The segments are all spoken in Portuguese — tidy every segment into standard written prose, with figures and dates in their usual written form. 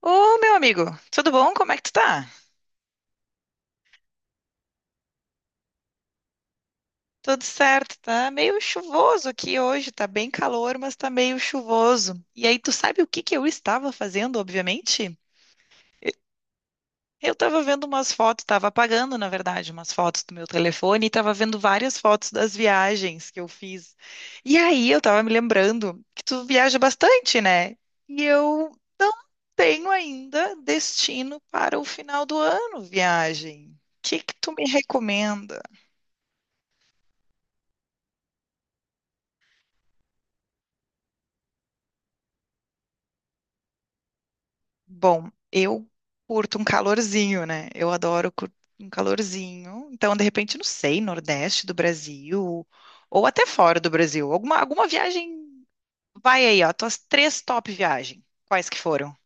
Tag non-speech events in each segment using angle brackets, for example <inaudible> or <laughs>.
Ô, meu amigo, tudo bom? Como é que tu tá? Tudo certo, tá meio chuvoso aqui hoje, tá bem calor, mas tá meio chuvoso. E aí, tu sabe o que que eu estava fazendo, obviamente? Eu estava vendo umas fotos, estava apagando, na verdade, umas fotos do meu telefone e estava vendo várias fotos das viagens que eu fiz. E aí, eu estava me lembrando que tu viaja bastante, né? E eu não tenho ainda destino para o final do ano, viagem. O que que tu me recomenda? Bom, eu curto um calorzinho, né? Eu adoro um calorzinho. Então, de repente, não sei, Nordeste do Brasil, ou até fora do Brasil. Alguma viagem. Vai aí, ó, tuas três top viagens. Quais que foram?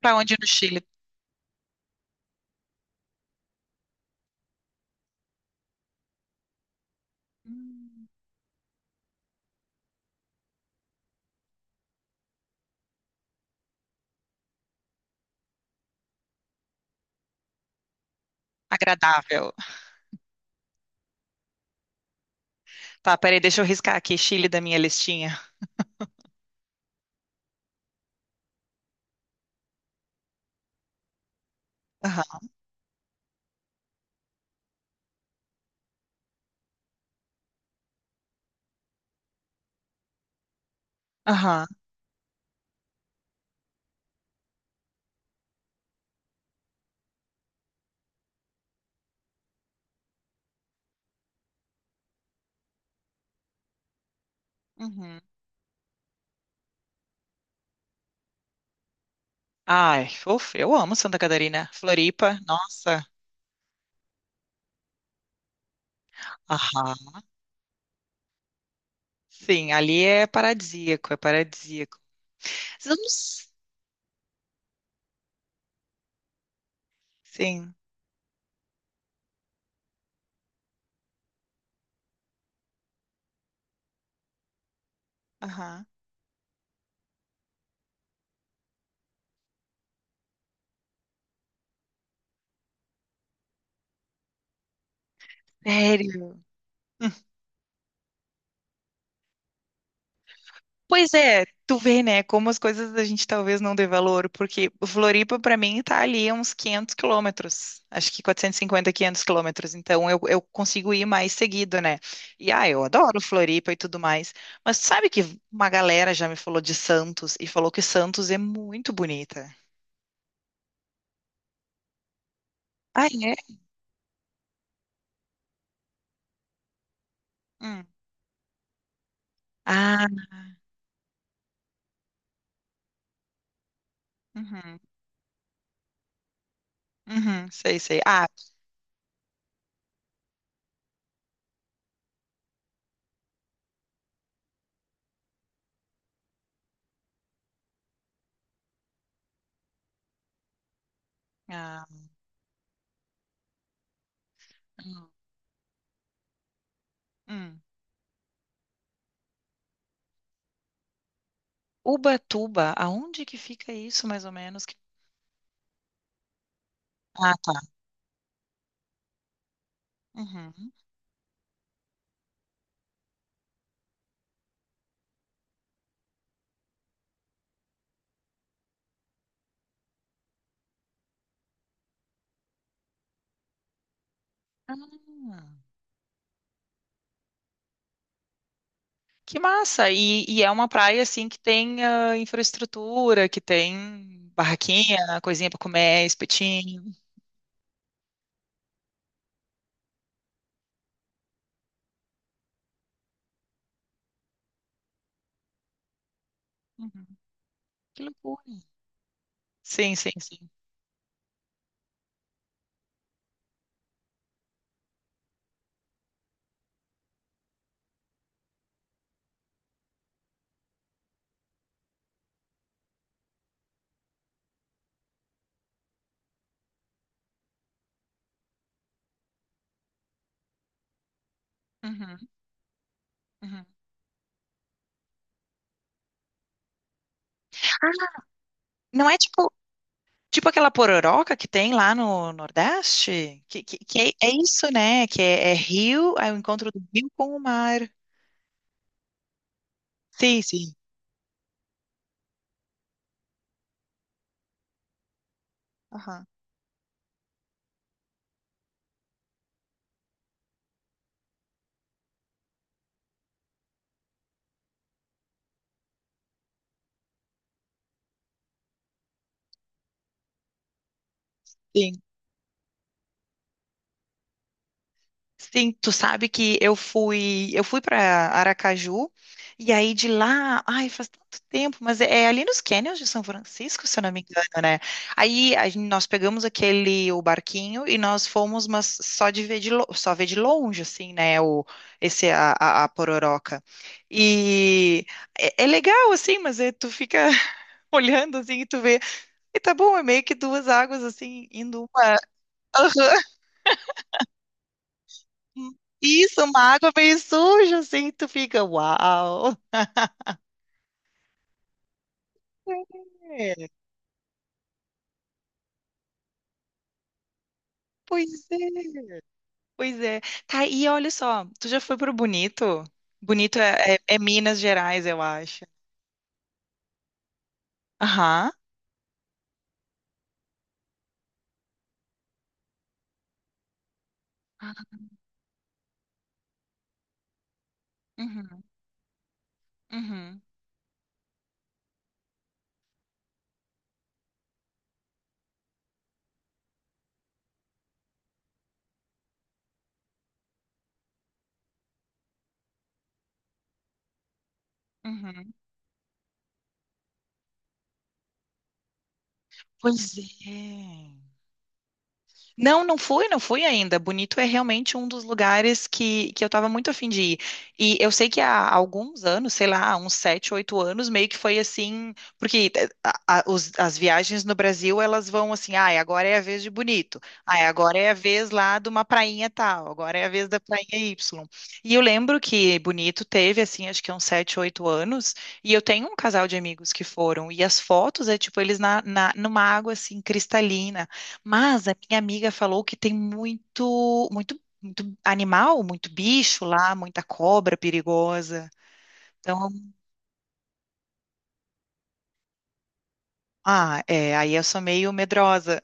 Pra onde no Chile? Hum. Agradável. Tá, peraí, deixa eu riscar aqui Chile da minha listinha. Aham, aham. Uhum. Ai, ufa, eu amo Santa Catarina. Floripa, nossa. Aham. Sim, ali é paradisíaco, é paradisíaco. Vocês não s- Sim. Aham. Sério? Hum. Pois é, tu vê, né, como as coisas a gente talvez não dê valor, porque Floripa, pra mim, tá ali a uns 500 km, acho que 450, 500 km, então eu consigo ir mais seguido, né? E, ah, eu adoro Floripa e tudo mais, mas sabe que uma galera já me falou de Santos e falou que Santos é muito bonita. Ah, é? Hum. Ah. Uhum, uhum, sei, sei. Ah, ah, hum, hum. Ubatuba, aonde que fica isso, mais ou menos? Que... Ah, tá. Uhum. Ah, que massa! E é uma praia assim que tem ah, infraestrutura, que tem barraquinha, coisinha pra comer, espetinho. Uhum. Que loucura! Sim, sim, sim. Uhum, uhum. Ah, não é tipo, tipo aquela pororoca que tem lá no Nordeste? Que é, é isso, né? Que é, é rio, é o encontro do rio com o mar. Sim, sim. Aham. Sim, tu sabe que eu fui para Aracaju e aí de lá, ai, faz tanto tempo, mas é, é ali nos Canyons de São Francisco, se eu não me engano, né? Aí a nós pegamos aquele o barquinho e nós fomos, mas só de ver de só ver de longe, assim, né? O esse a Pororoca. E é, é legal assim, mas é, tu fica <laughs> olhando assim e tu vê, e tá bom, é meio que duas águas assim indo uma. Isso, uma água meio suja, assim, tu fica, uau. É, pois é, pois é. Tá, e olha só, tu já foi pro Bonito? Bonito é, é Minas Gerais, eu acho. Aham. Uhum, uhum, uhum. Pois é. Não, não fui, não fui ainda. Bonito é realmente um dos lugares que eu estava muito afim de ir. E eu sei que há alguns anos, sei lá, uns 7, 8 anos, meio que foi assim, porque as viagens no Brasil, elas vão assim, ah, agora é a vez de Bonito, ah, agora é a vez lá de uma prainha tal, agora é a vez da prainha Y. E eu lembro que Bonito teve, assim, acho que uns 7, 8 anos, e eu tenho um casal de amigos que foram, e as fotos é tipo eles numa água, assim, cristalina, mas a minha amiga falou que tem muito, muito, muito animal, muito bicho lá, muita cobra perigosa. Então, ah, é, aí eu sou meio medrosa.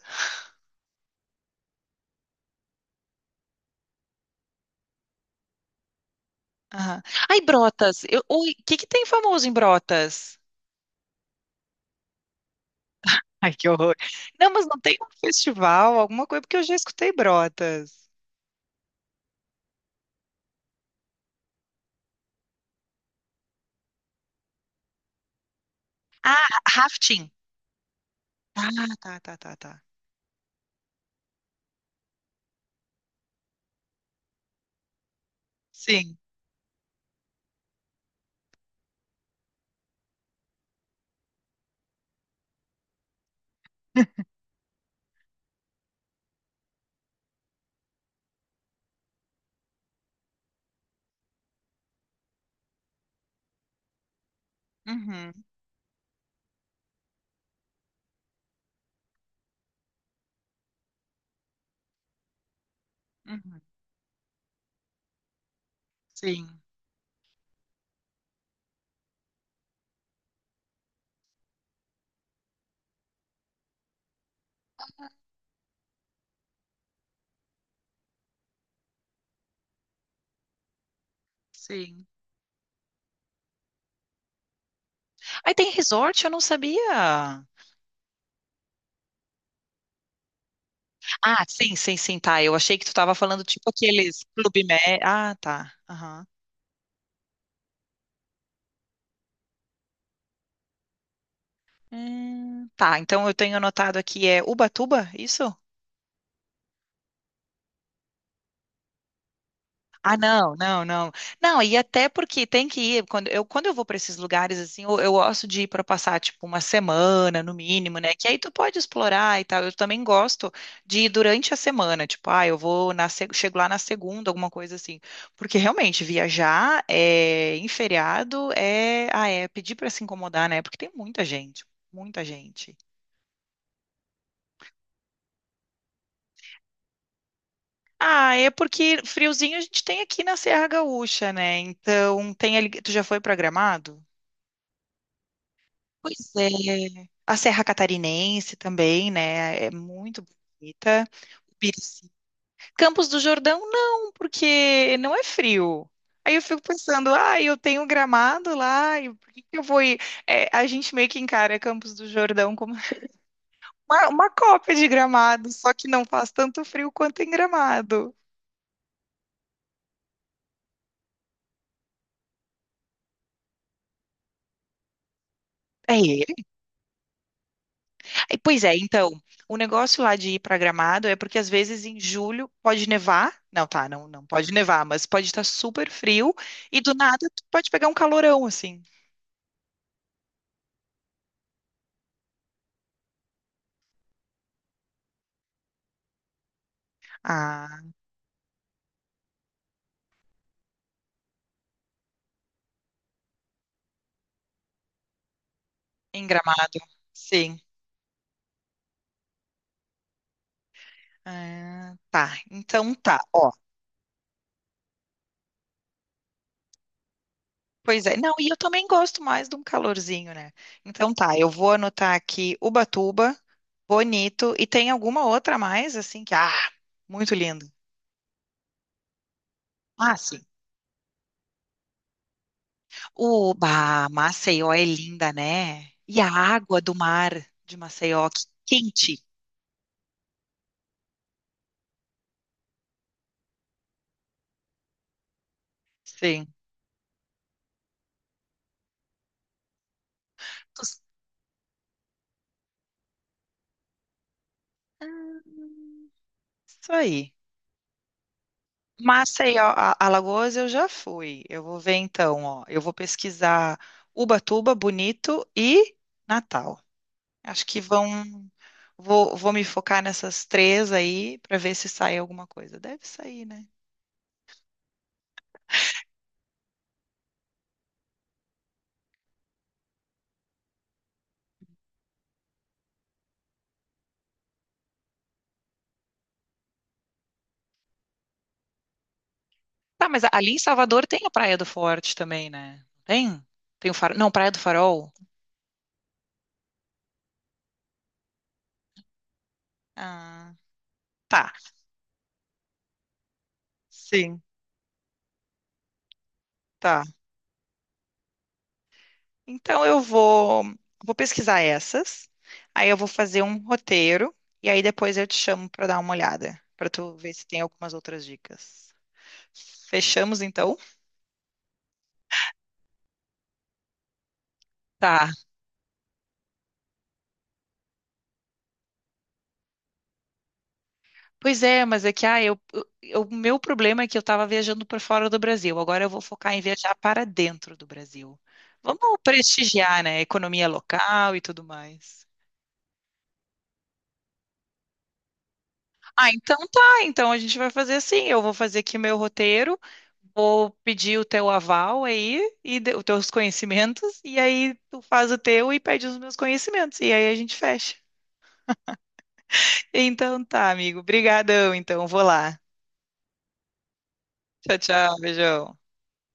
Aham. Ai, Brotas, oi, o que que tem famoso em Brotas? <laughs> Ai, que horror. Não, mas não tem um festival, alguma coisa, porque eu já escutei Brotas. Ah, rafting. Ah, tá, tá, tá, tá. Sim. Uhum, uhum. Sim, sim. Aí tem resort, eu não sabia. Ah, sim, sim, sim, tá. Eu achei que tu tava falando tipo aqueles Clube Med. Ah, tá. Aham. Tá, então eu tenho anotado aqui é Ubatuba, isso? Ah, não, não, não. Não, e até porque tem que ir, quando eu vou para esses lugares, assim, eu gosto de ir para passar, tipo, uma semana, no mínimo, né? Que aí tu pode explorar e tal. Eu também gosto de ir durante a semana, tipo, ah, eu vou chego lá na segunda, alguma coisa assim. Porque realmente, viajar é, em feriado é, ah, é pedir para se incomodar, né? Porque tem muita gente, muita gente. Ah, é porque friozinho a gente tem aqui na Serra Gaúcha, né? Então, tem ali, tu já foi programado? Pois é, a Serra Catarinense também, né? É muito bonita. Ibirici. Campos do Jordão, não, porque não é frio. Aí eu fico pensando, ah, eu tenho Gramado lá, e por que que eu vou ir? É, a gente meio que encara Campos do Jordão como <laughs> uma cópia de Gramado, só que não faz tanto frio quanto em Gramado. É, e, pois é, então, o negócio lá de ir para Gramado é porque às vezes em julho pode nevar. Não, tá, não, não pode nevar, mas pode estar super frio e do nada tu pode pegar um calorão assim. Ah, em Gramado. Sim. Ah, tá. Então tá, ó. Pois é. Não, e eu também gosto mais de um calorzinho, né? Então tá, eu vou anotar aqui Ubatuba, Bonito e tem alguma outra mais assim que ah, muito lindo. Ah, sim. O bah, Maceió é linda, né? E a água do mar de Maceió, que quente. Sim. Tu-. Isso aí. Maceió, Alagoas eu já fui. Eu vou ver então, ó. Eu vou pesquisar Ubatuba, Bonito e Natal. Acho que vão. Vou, vou me focar nessas três aí para ver se sai alguma coisa. Deve sair, né? Tá, mas ali em Salvador tem a Praia do Forte também, né? Tem? Tem o Farol? Não, Praia do Farol. Ah, tá. Sim, tá. Então eu vou, vou pesquisar essas, aí eu vou fazer um roteiro e aí depois eu te chamo para dar uma olhada, para tu ver se tem algumas outras dicas. Fechamos então? Tá. Pois é, mas é que ah, eu, o meu problema é que eu estava viajando para fora do Brasil. Agora eu vou focar em viajar para dentro do Brasil. Vamos prestigiar, né, a economia local e tudo mais. Ah, então tá. Então a gente vai fazer assim. Eu vou fazer aqui meu roteiro, vou pedir o teu aval aí e os teus conhecimentos, e aí tu faz o teu e pede os meus conhecimentos, e aí a gente fecha. Então tá, amigo. Obrigadão, então. Vou lá. Tchau, tchau. Beijão.